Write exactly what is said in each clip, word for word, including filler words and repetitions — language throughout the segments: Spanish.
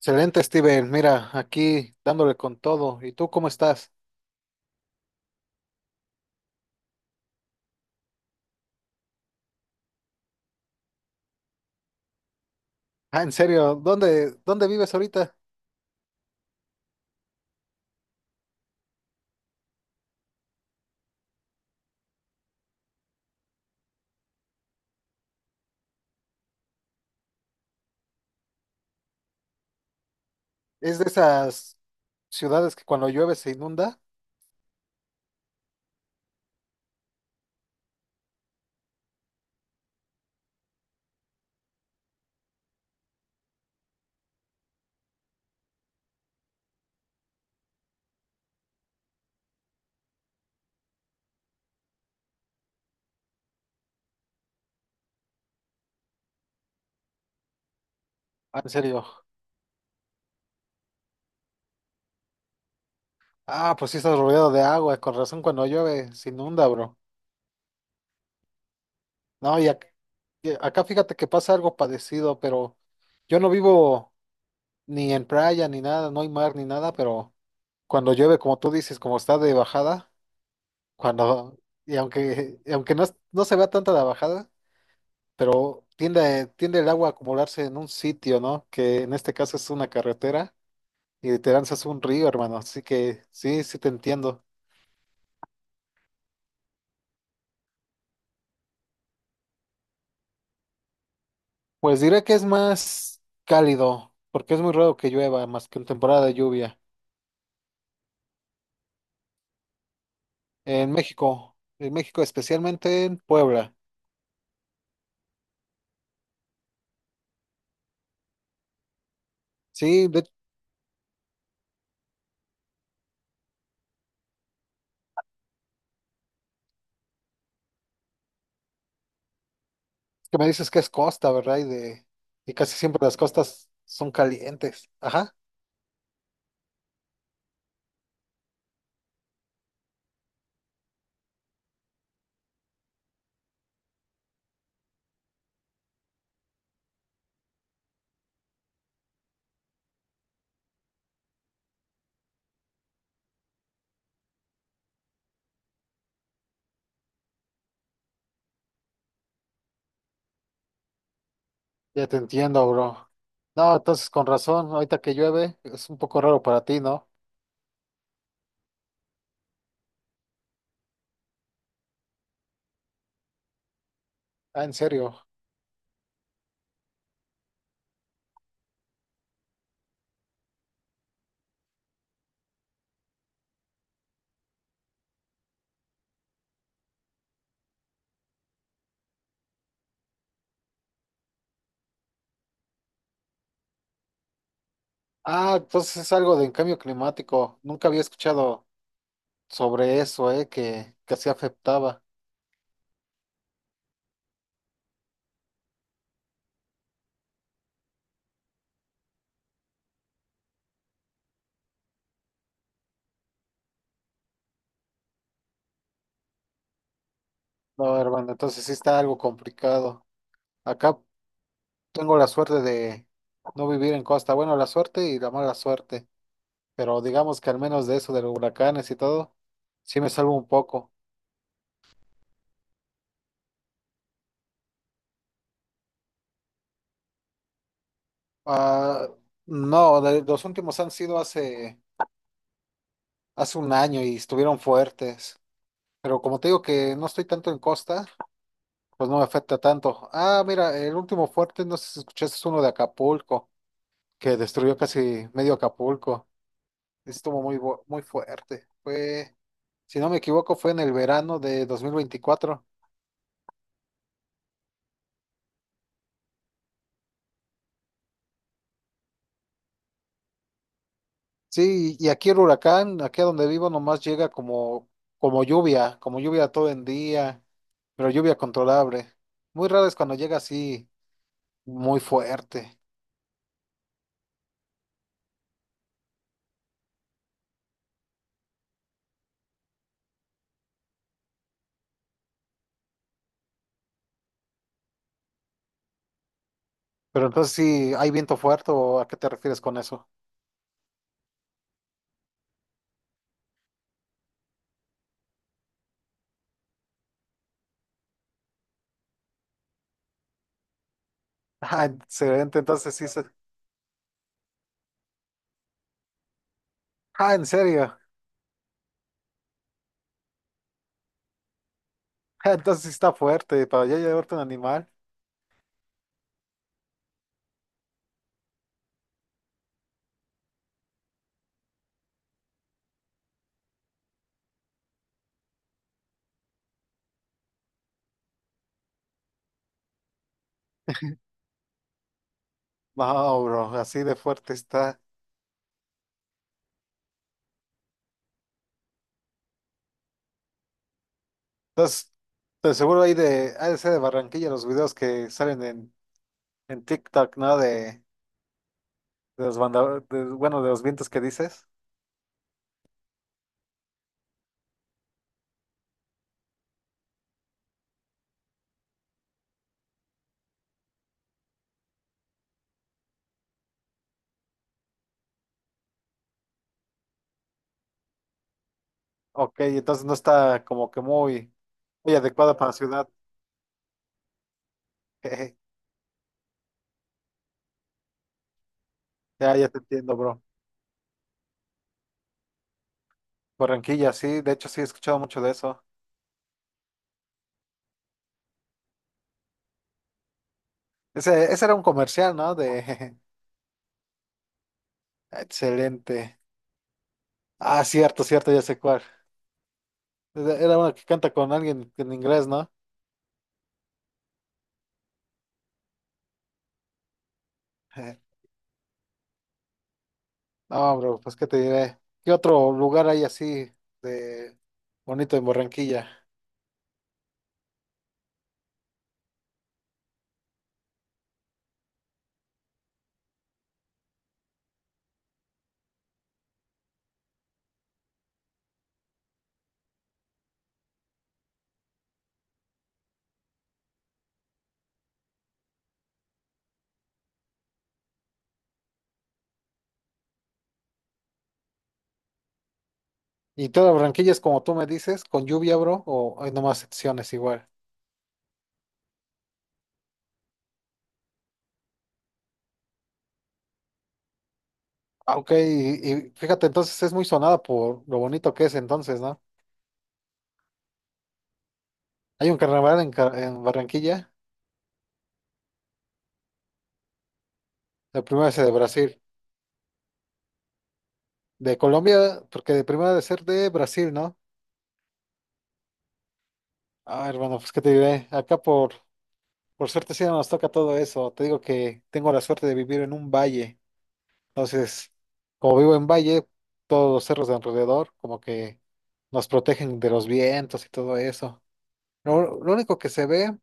Excelente, Steven. Mira, aquí dándole con todo. ¿Y tú cómo estás? Ah, en serio, ¿dónde, dónde vives ahorita? ¿Es de esas ciudades que cuando llueve se inunda? Ah, en serio. Ah, pues sí estás rodeado de agua, con razón cuando llueve se inunda, bro. No, y ac- y acá fíjate que pasa algo parecido, pero yo no vivo ni en playa ni nada, no hay mar ni nada, pero cuando llueve, como tú dices, como está de bajada, cuando, y aunque, y aunque no, es- no se vea tanta la bajada. Pero tiende, tiende el agua a acumularse en un sitio, ¿no? Que en este caso es una carretera y te lanzas un río, hermano. Así que sí, sí te entiendo. Pues diré que es más cálido, porque es muy raro que llueva más que en temporada de lluvia. En México, en México, especialmente en Puebla. Sí, de- que me dices que es costa, ¿verdad? Y de, y casi siempre las costas son calientes. Ajá, ya te entiendo, bro. No, entonces con razón, ahorita que llueve es un poco raro para ti, ¿no? Ah, en serio. Ah, entonces es algo de cambio climático. Nunca había escuchado sobre eso, eh, que, que así afectaba. No, hermano, entonces sí está algo complicado. Acá tengo la suerte de no vivir en costa. Bueno, la suerte y la mala suerte. Pero digamos que al menos de eso, de los huracanes y todo, sí me salvo un poco. Ah, no, de- los últimos han sido hace, hace un año y estuvieron fuertes. Pero como te digo que no estoy tanto en costa. Pues no me afecta tanto. Ah, mira, el último fuerte, no sé si escuchaste, es uno de Acapulco, que destruyó casi medio Acapulco. Estuvo muy, bu- muy fuerte. Fue, si no me equivoco, fue en el verano de dos mil veinticuatro. Sí, y aquí el huracán, aquí a donde vivo, nomás llega como, como lluvia, como lluvia todo el día, pero lluvia controlable. Muy raro es cuando llega así, muy fuerte. Pero entonces sí, ¿hay viento fuerte o a qué te refieres con eso? Ah, excelente, entonces sí. se- Ah, ¿en serio? Entonces sí está fuerte, para ya llevarte un animal. No, bro, así de fuerte está. Entonces, de seguro hay de, ha de ser de Barranquilla los videos que salen en, en TikTok, ¿no? De, de los banda- de- bueno, de los vientos que dices. Ok, entonces no está como que muy, muy adecuada para la ciudad. Jeje, ya, ya te entiendo, bro. Barranquilla, sí, de hecho sí he escuchado mucho de eso. Ese, ese era un comercial, ¿no? De excelente. Ah, cierto, cierto, ya sé cuál. Era era uno que canta con alguien en inglés, ¿no? No, bro, pues qué te diré. ¿Qué otro lugar hay así de bonito en Barranquilla? Y toda Barranquilla es como tú me dices, con lluvia, bro, o hay nomás secciones igual. Ah, ok, y, y fíjate, entonces es muy sonada por lo bonito que es entonces, ¿no? Hay un carnaval en, Car- en Barranquilla, la primera es de Brasil. De Colombia, porque de primera de ser de Brasil, ¿no? Ah, hermano, pues qué te diré. Acá por, por suerte sí no nos toca todo eso. Te digo que tengo la suerte de vivir en un valle. Entonces, como vivo en valle, todos los cerros de alrededor como que nos protegen de los vientos y todo eso. Lo, lo único que se ve,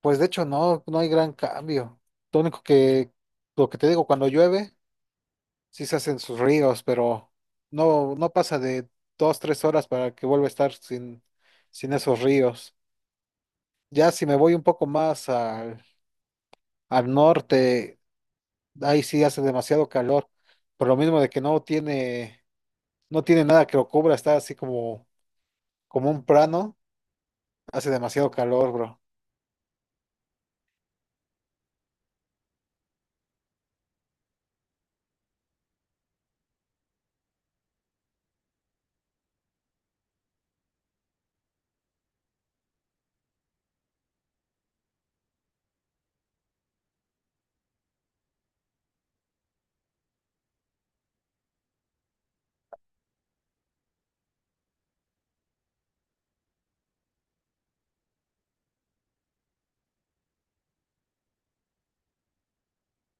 pues de hecho no, no hay gran cambio. Lo único que, lo que te digo, cuando llueve, sí se hacen sus ríos, pero no, no pasa de dos, tres horas para que vuelva a estar sin, sin esos ríos. Ya si me voy un poco más al, al norte, ahí sí hace demasiado calor, por lo mismo de que no tiene. No tiene nada que lo cubra, está así como, como un plano. Hace demasiado calor, bro.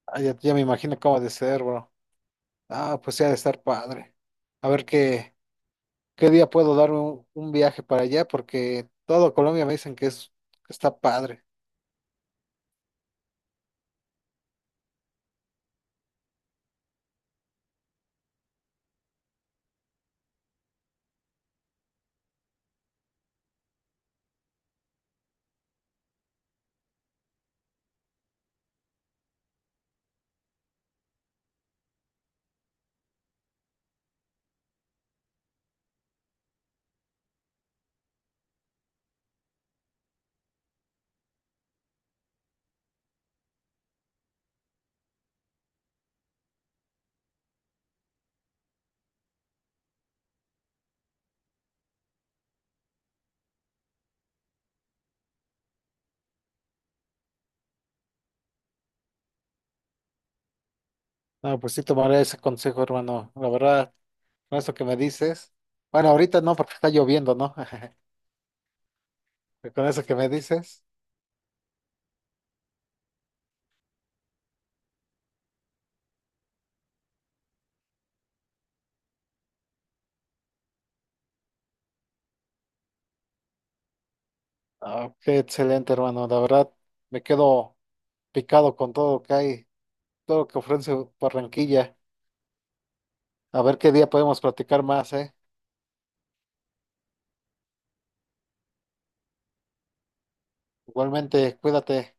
Ah, ya, ya me imagino cómo ha de ser, bro. Ah, pues sí, ha de estar padre. A ver qué, qué día puedo darme un, un viaje para allá, porque todo Colombia me dicen que es, que está padre. No, pues sí tomaré ese consejo, hermano. La verdad, con eso que me dices. Bueno, ahorita no, porque está lloviendo, ¿no? Pero con eso que me dices. Ah, qué excelente, hermano. La verdad, me quedo picado con todo lo que hay, todo lo que ofrece Barranquilla. A ver qué día podemos platicar más, ¿eh? Igualmente, cuídate.